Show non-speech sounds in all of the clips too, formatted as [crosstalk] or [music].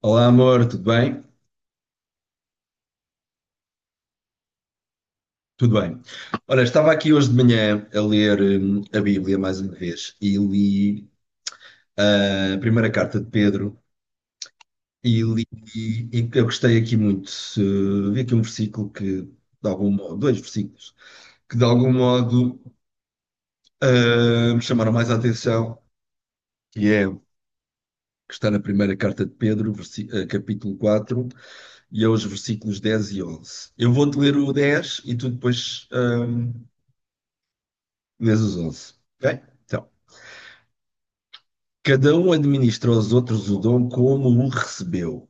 Olá, amor, tudo bem? Tudo bem. Ora, estava aqui hoje de manhã a ler a Bíblia mais uma vez e li a primeira carta de Pedro e li e eu gostei aqui muito. Vi aqui um versículo que, de algum modo, dois versículos, que de algum modo me chamaram mais a atenção, que é o que está na primeira carta de Pedro, capítulo 4 e é os versículos 10 e 11. Eu vou-te ler o 10 e tu depois lês os 11, ok? Então. Cada um administra aos outros o dom como o recebeu,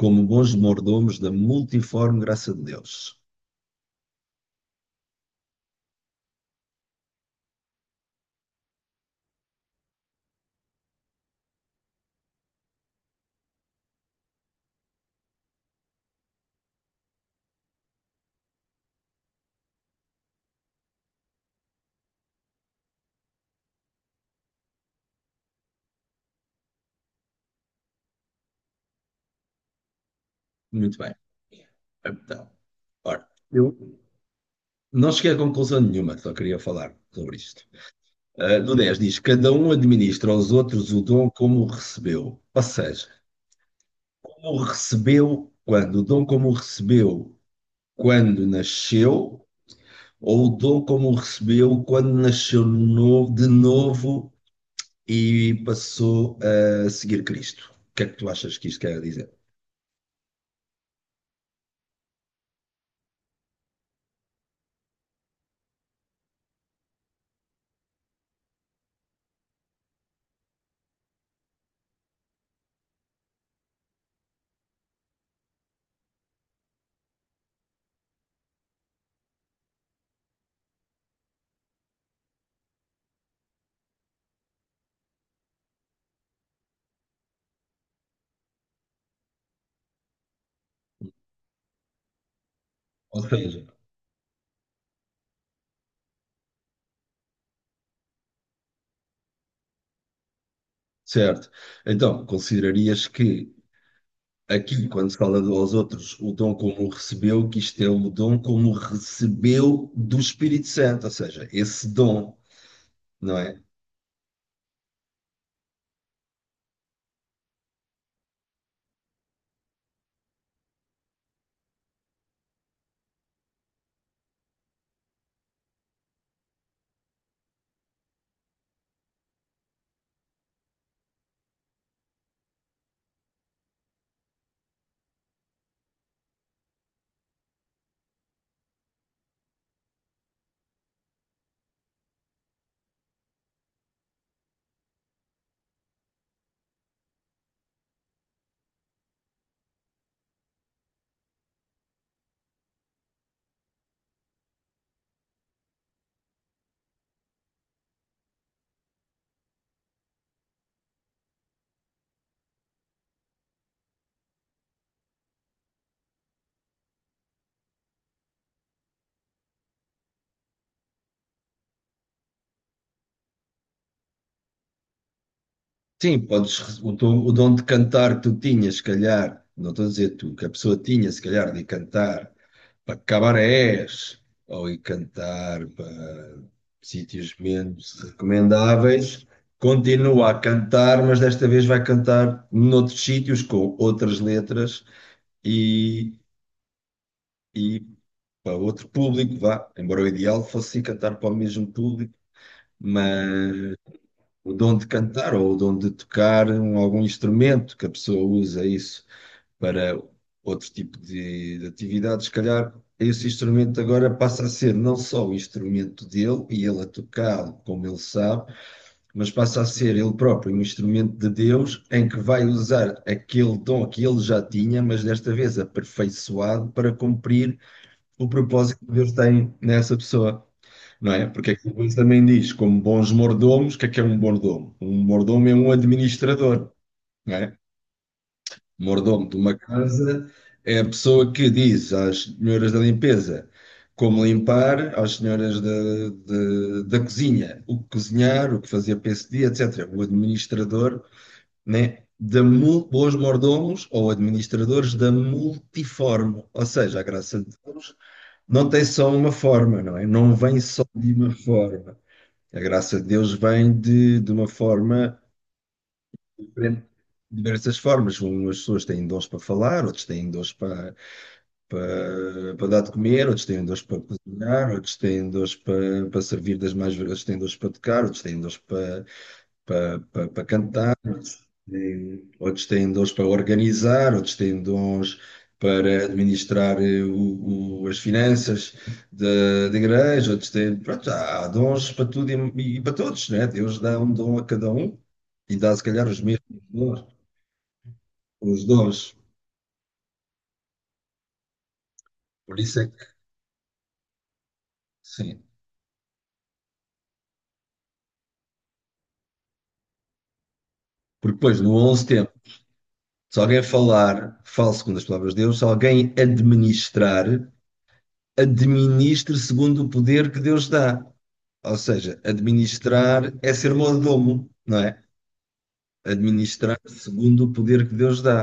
como bons mordomos da multiforme graça de Deus. Muito bem. Então, ora, eu não cheguei a conclusão nenhuma, só queria falar sobre isto. No 10 diz: Cada um administra aos outros o dom como o recebeu. Ou seja, como o recebeu quando? O dom como o recebeu quando nasceu, ou o dom como o recebeu quando nasceu novo, de novo e passou a seguir Cristo. O que é que tu achas que isto quer dizer? Ou seja, certo. Então, considerarias que aqui, quando se fala aos outros, o dom como o recebeu, que isto é o dom como o recebeu do Espírito Santo, ou seja, esse dom, não é? Sim, podes, o, o dom de cantar que tu tinhas, se calhar, não estou a dizer tu, que a pessoa tinha, se calhar, de cantar para cabarés ou ir cantar para sítios menos recomendáveis, continua a cantar, mas desta vez vai cantar noutros sítios com outras letras e, e para outro público, vá. Embora o ideal fosse ir cantar para o mesmo público, o dom de cantar ou o dom de tocar algum instrumento que a pessoa usa isso para outro tipo de atividade, se calhar esse instrumento agora passa a ser não só o instrumento dele e ele a tocá-lo como ele sabe, mas passa a ser ele próprio um instrumento de Deus em que vai usar aquele dom que ele já tinha, mas desta vez aperfeiçoado para cumprir o propósito que Deus tem nessa pessoa, não é? Porque aquilo depois também diz, como bons mordomos, o que é um mordomo? Um mordomo é um administrador, não é? Mordomo de uma casa é a pessoa que diz às senhoras da limpeza como limpar, às senhoras da cozinha, o que cozinhar, o que fazer para esse dia, etc. O administrador, né? Bons mordomos ou administradores da multiforme, ou seja, a graça de Deus não tem só uma forma, não é? Não vem só de uma forma. A graça de Deus vem de uma forma diferente, de diversas formas. Umas pessoas têm dons para falar, outras têm dons para dar de comer, outras têm dons para cozinhar, outras têm dons para servir das mais, outras têm dons para tocar, outras têm dons para cantar. Outros têm dons para organizar, outros têm dons para administrar as finanças da igreja, outros têm. Pronto, há dons para tudo e para todos, né? Deus dá um dom a cada um e dá, se calhar, os mesmos dons. Os dons. Por isso é que, sim. Porque depois, no 11 tempo, se alguém falar, fale segundo as palavras de Deus, se alguém administrar, administre segundo o poder que Deus dá. Ou seja, administrar é ser mordomo, não é? Administrar segundo o poder que Deus dá.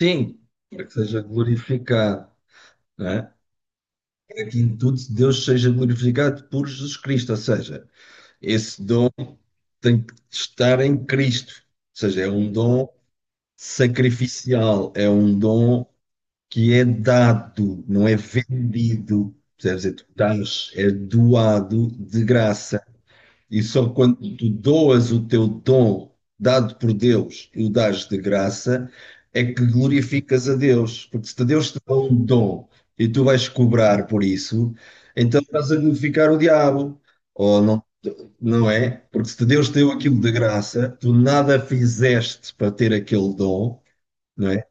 Sim, para que seja glorificado, não é? Para que em tudo Deus seja glorificado por Jesus Cristo. Ou seja, esse dom tem que estar em Cristo. Ou seja, é um dom sacrificial, é um dom que é dado, não é vendido. Quer dizer, tu dás, é doado de graça. E só quando tu doas o teu dom dado por Deus e o dás de graça, é que glorificas a Deus. Porque se Deus te dá um dom e tu vais cobrar por isso, então estás a glorificar o diabo. Ou não, não é? Porque se Deus te deu aquilo de graça, tu nada fizeste para ter aquele dom, não é?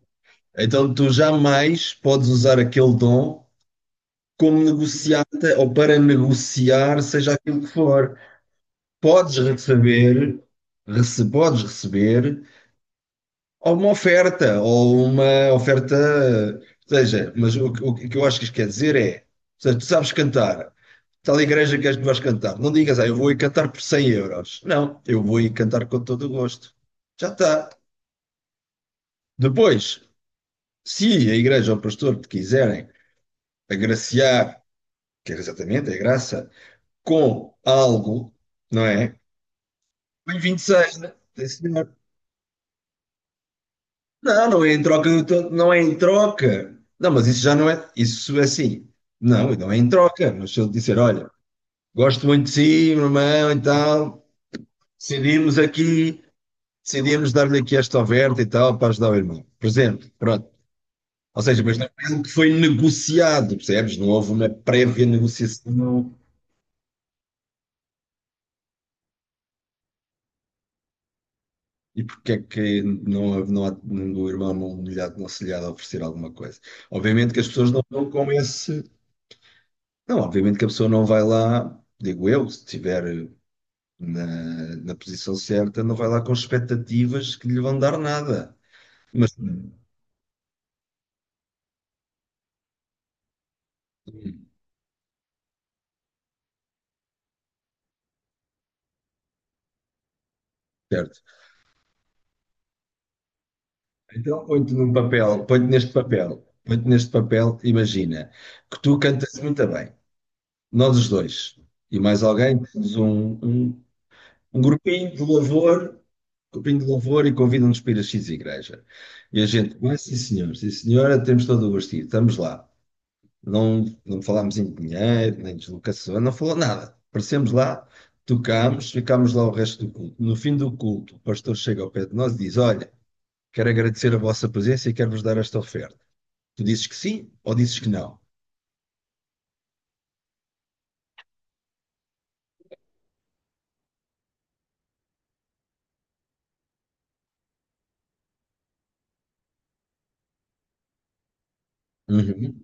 Então tu jamais podes usar aquele dom como negociata ou para negociar, seja aquilo que for. Podes receber, podes receber uma oferta, ou seja, mas o, o que eu acho que isto quer dizer é, ou seja, tu sabes cantar, tal igreja que és que vais cantar, não digas, ah, eu vou ir cantar por 100 euros. Não, eu vou ir cantar com todo o gosto. Já está. Depois, se a igreja ou o pastor te quiserem agraciar, que é exatamente a graça, com algo, não é? Bem-vindo seja, sim, senhor. Não, não é em troca do todo, não é em troca. Não, mas isso já não é, isso é assim. Não, não é em troca, mas se ele disser, olha, gosto muito de si, meu irmão, e tal, decidimos aqui, decidimos dar-lhe aqui esta oferta e tal, para ajudar o irmão. Por exemplo, pronto. Ou seja, mas não é algo que foi negociado, percebes? Não houve uma prévia negociação. E porque é que não, não, o irmão não lhe há, não se lhe há de oferecer alguma coisa? Obviamente que as pessoas não vão com esse. Não, obviamente que a pessoa não vai lá, digo eu, se estiver na, na posição certa, não vai lá com expectativas que lhe vão dar nada. Mas, Certo. Então, põe-te num papel, põe-te neste papel, põe-te neste papel, imagina que tu cantas muito bem, nós os dois, e mais alguém, temos um grupinho de louvor, um grupinho de louvor e convidam-nos para ir a X igreja. E a gente, vai, sim senhor, sim senhora, temos todo o gostinho, estamos lá. Não, não falámos em dinheiro, nem deslocação, não falou nada. Aparecemos lá, tocámos, ficámos lá o resto do culto. No fim do culto, o pastor chega ao pé de nós e diz: Olha, quero agradecer a vossa presença e quero-vos dar esta oferta. Tu dizes que sim ou dizes que não? Uhum.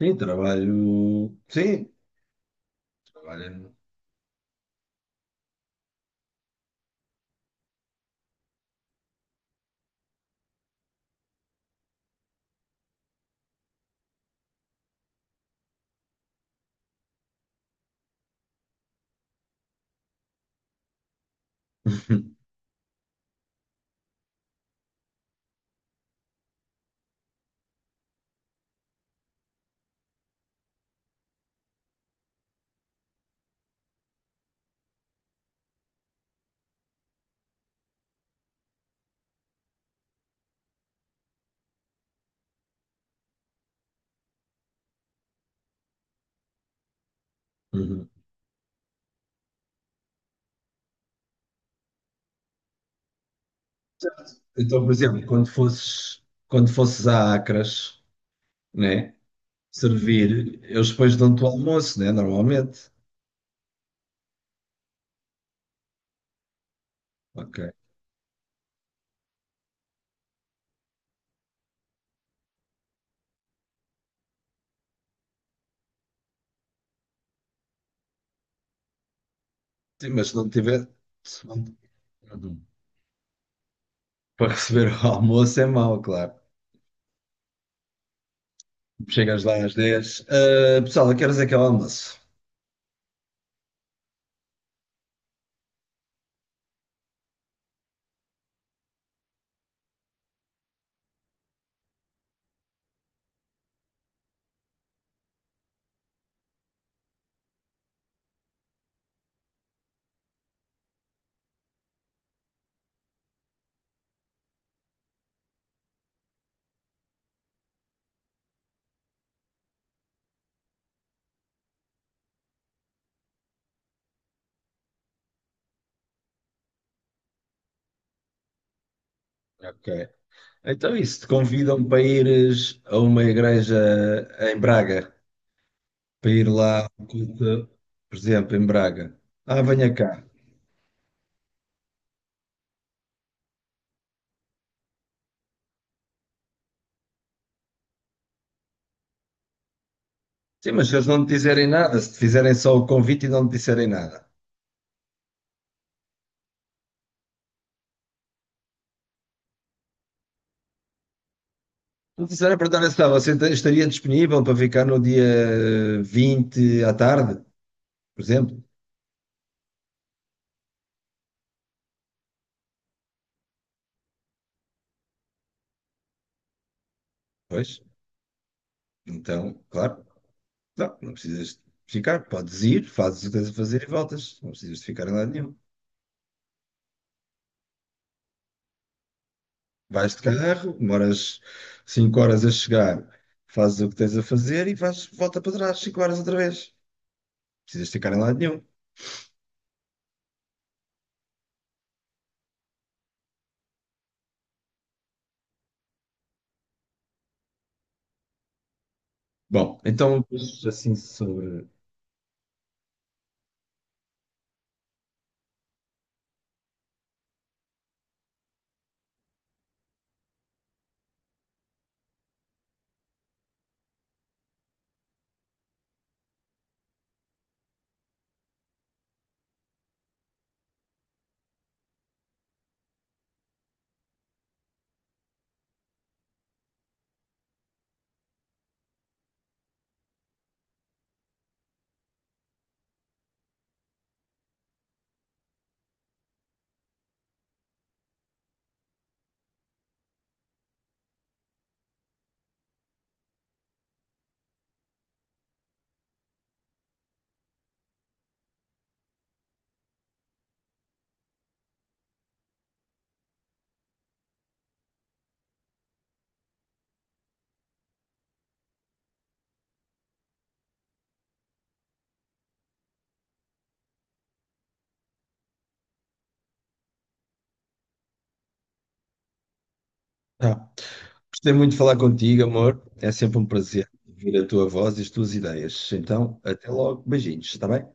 Sim, trabalho. Sim, trabalho. [laughs] Uhum. Então, por exemplo, quando fosses a Acras, né, servir, eles depois dão-te o almoço, né, normalmente. Ok. Sim, mas se não tiver, se não- para receber o almoço é mau, claro. Chegas lá às 10. "Ah, pessoal, a que horas é que é o almoço?" Ok. Então, isso, te convidam para ires a uma igreja em Braga, para ir lá ao culto, por exemplo, em Braga. Ah, venha cá. Sim, mas se eles não te dizerem nada, se te fizerem só o convite e não te disserem nada. Sara, perguntar se você estaria disponível para ficar no dia 20 à tarde, por exemplo? Pois, então, claro, não, não precisas de ficar, podes ir, fazes o que tens a fazer e voltas, não precisas de ficar em lado nenhum. Vais de carro, demoras 5 horas a chegar, fazes o que tens a fazer e vais, volta para trás 5 horas outra vez. Não precisas de ficar em lado nenhum. Bom, então, pois, assim sobre. Ah, gostei muito de falar contigo, amor. É sempre um prazer ouvir a tua voz e as tuas ideias. Então, até logo. Beijinhos, está bem?